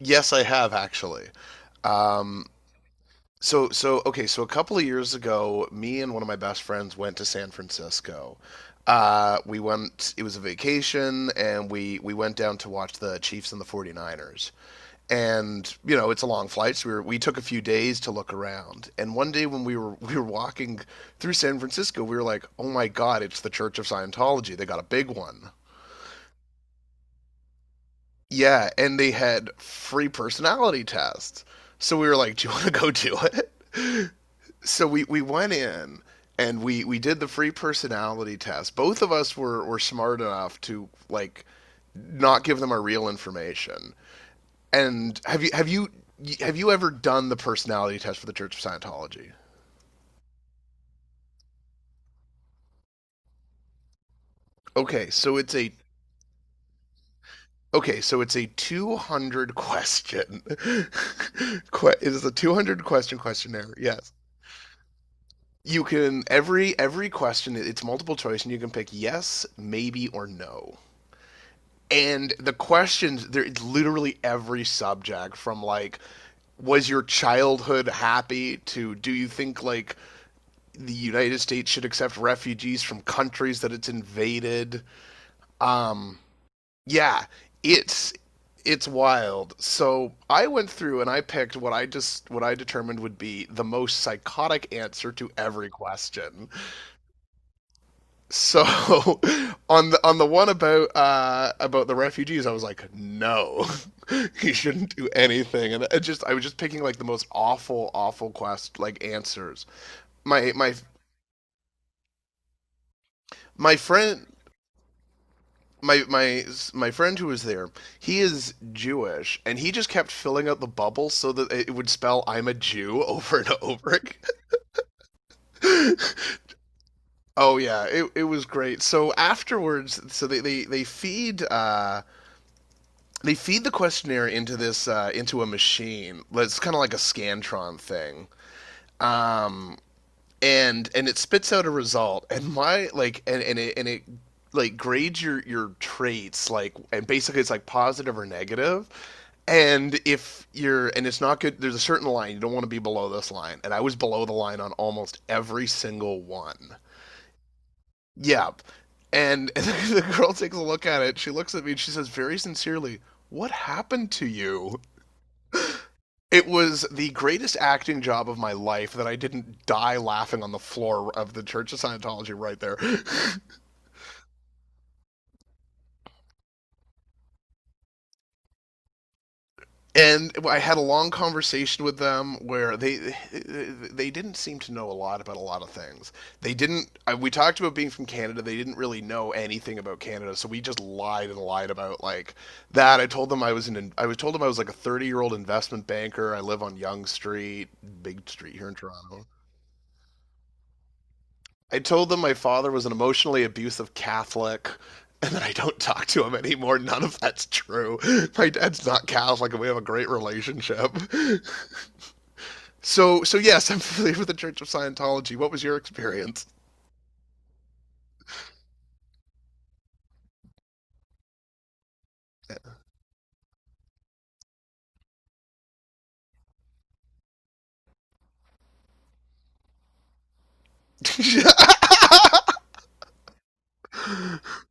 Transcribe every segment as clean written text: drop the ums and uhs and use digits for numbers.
Yes, I have actually. Um, so a couple of years ago, me and one of my best friends went to San Francisco. We went, it was a vacation, and we went down to watch the Chiefs and the 49ers. And you know, it's a long flight, so we took a few days to look around. And one day when we were walking through San Francisco, we were like, "Oh my god, it's the Church of Scientology. They got a big one." Yeah, and they had free personality tests. So we were like, "Do you want to go do it?" So we went in and we did the free personality test. Both of us were smart enough to like not give them our real information. And have you ever done the personality test for the Church of Scientology? Okay, so it's a okay, so it's a 200 question. It is a 200 question questionnaire. Yes. You can every question, it's multiple choice, and you can pick yes, maybe or no. And the questions there, it's literally every subject from like, was your childhood happy, to do you think like the United States should accept refugees from countries that it's invaded? Um yeah, it's it's wild. So I went through and I picked what I just, what I determined would be the most psychotic answer to every question. So on the one about the refugees, I was like, no, he shouldn't do anything, and it just, I was just picking like the most awful, awful quest like answers. My my my friend. My My friend who was there, he is Jewish, and he just kept filling out the bubble so that it would spell "I'm a Jew" over and over again. Oh yeah, it was great. So afterwards, so they feed the questionnaire into this into a machine. Well, it's kind of like a scantron thing, um, and it spits out a result. And my like and it like grades your traits like and Basically it's like positive or negative. And if you're and it's not good. There's a certain line, you don't want to be below this line. And I was below the line on almost every single one. Yeah. And the girl takes a look at it. She looks at me and she says very sincerely, "What happened to you?" It was the greatest acting job of my life that I didn't die laughing on the floor of the Church of Scientology right there. And I had a long conversation with them where they didn't seem to know a lot about a lot of things. They didn't. We talked about being from Canada. They didn't really know anything about Canada, so we just lied and lied about like that. I told them I was an I was told them I was like a 30 year old investment banker. I live on Yonge Street, big street here in Toronto. I told them my father was an emotionally abusive Catholic and then I don't talk to him anymore. None of that's true. My dad's not Catholic, and we have a great relationship. So yes, I'm familiar with the Church of Scientology. What was your experience? Hmm.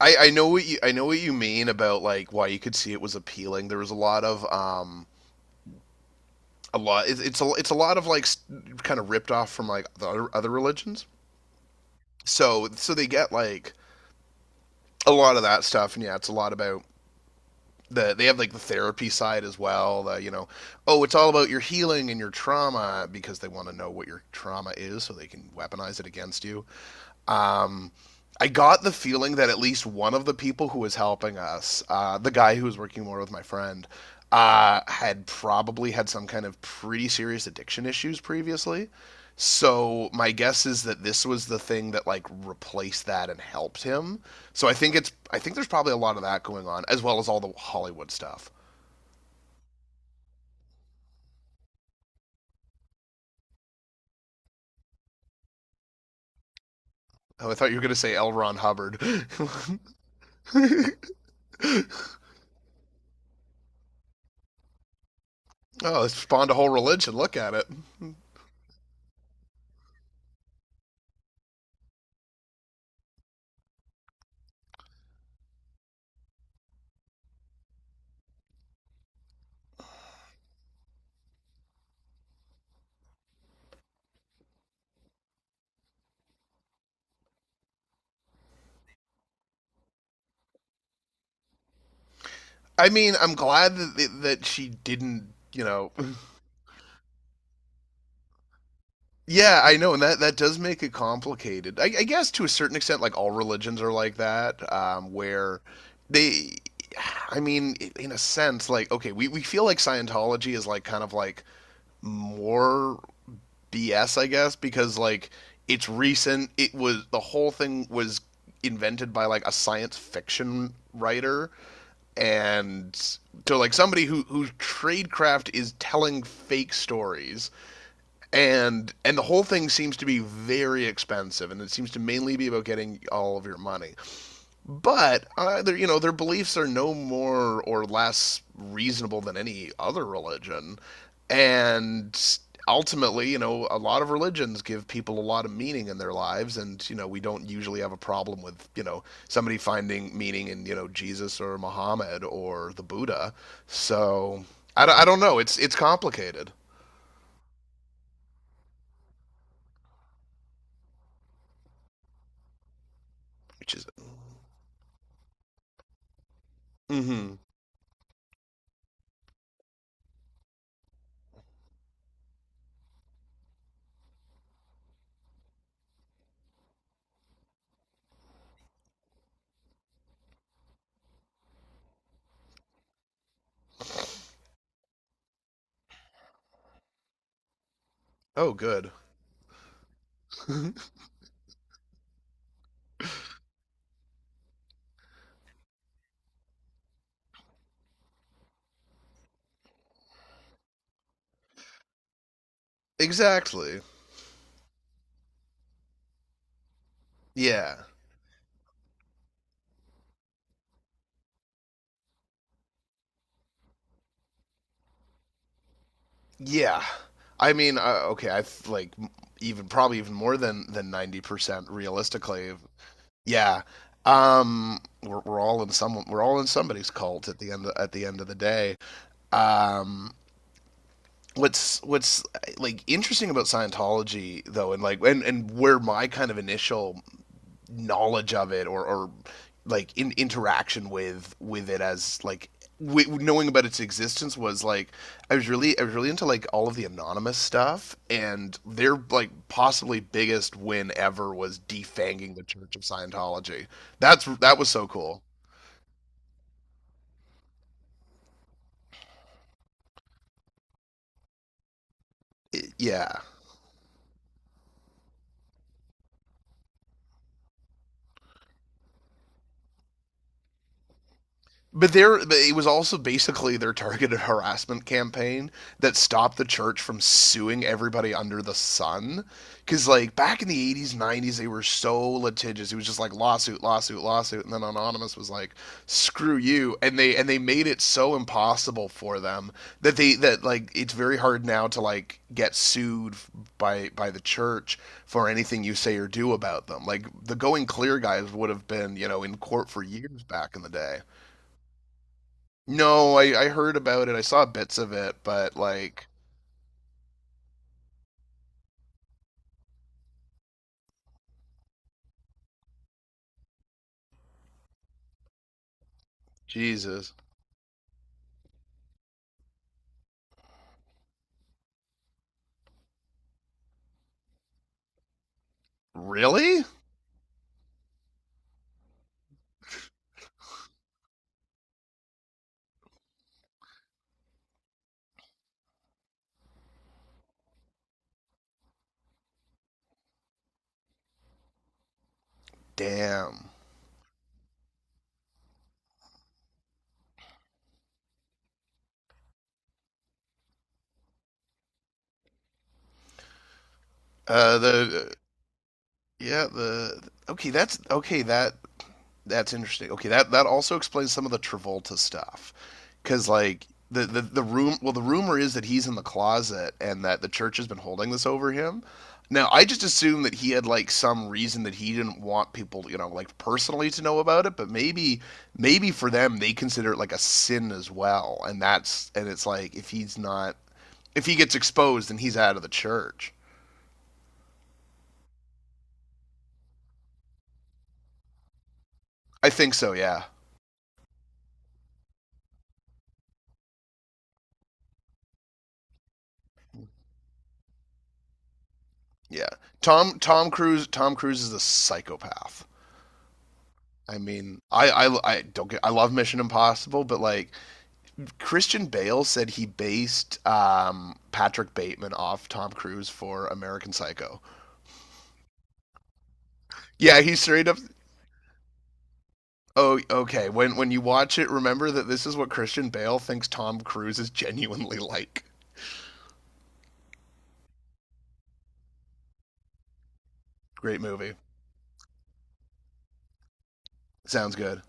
I know what you mean about like why you could see it was appealing. There was a lot of a lot it's a lot of like kind of ripped off from like other religions. So they get like a lot of that stuff, and yeah, it's a lot about they have like the therapy side as well. The you know, oh, it's all about your healing and your trauma because they want to know what your trauma is so they can weaponize it against you. Um, I got the feeling that at least one of the people who was helping us, the guy who was working more with my friend, had probably had some kind of pretty serious addiction issues previously. So my guess is that this was the thing that like replaced that and helped him. So I think there's probably a lot of that going on as well as all the Hollywood stuff. Oh, I thought you were gonna say L. Ron Hubbard. Oh, it spawned a whole religion. Look at it. I mean, I'm glad that she didn't. You know, yeah, I know, and that that does make it complicated. I guess to a certain extent, like all religions are like that, where they. I mean, in a sense, like okay, we feel like Scientology is like kind of like more BS, I guess, because like it's recent. It was the whole thing was invented by like a science fiction writer, and so like somebody who whose tradecraft is telling fake stories, and the whole thing seems to be very expensive, and it seems to mainly be about getting all of your money. But their, you know, their beliefs are no more or less reasonable than any other religion, and ultimately, you know, a lot of religions give people a lot of meaning in their lives, and you know, we don't usually have a problem with, you know, somebody finding meaning in, you know, Jesus or Muhammad or the Buddha. So I don't know, it's complicated, which is, mhm. Oh good. Exactly. Yeah. Yeah, I mean, okay, I th- like even probably even more than 90% realistically. Yeah, we're all in somebody's cult at at the end of the day. Um, what's like interesting about Scientology though, and like and where my kind of initial knowledge of it, or like in interaction with it, as like, knowing about its existence, was like, I was really into like all of the anonymous stuff, and their like possibly biggest win ever was defanging the Church of Scientology. That's that was so cool. Yeah. But there, it was also basically their targeted harassment campaign that stopped the church from suing everybody under the sun. Because like back in the '80s, '90s, they were so litigious. It was just like lawsuit, lawsuit, lawsuit, and then Anonymous was like, "Screw you!" And they made it so impossible for them that they that like it's very hard now to like get sued by the church for anything you say or do about them. Like the Going Clear guys would have been, you know, in court for years back in the day. No, I heard about it. I saw bits of it, but like, Jesus, really? Damn. The yeah, the okay. That's okay. That That's interesting. Okay, that that also explains some of the Travolta stuff, because like the room. Well, the rumor is that he's in the closet and that the church has been holding this over him. Now, I just assumed that he had like some reason that he didn't want people, you know, like personally to know about it. But maybe, maybe for them, they consider it like a sin as well, and that's, and it's like if he's not, if he gets exposed, then he's out of the church. I think so. Yeah, yeah. Tom Cruise is a psychopath. I mean, I don't get, I love Mission Impossible, but like Christian Bale said he based Patrick Bateman off Tom Cruise for American Psycho. Yeah, he straight up. Oh, okay. When you watch it, remember that this is what Christian Bale thinks Tom Cruise is genuinely like. Great movie. Sounds good.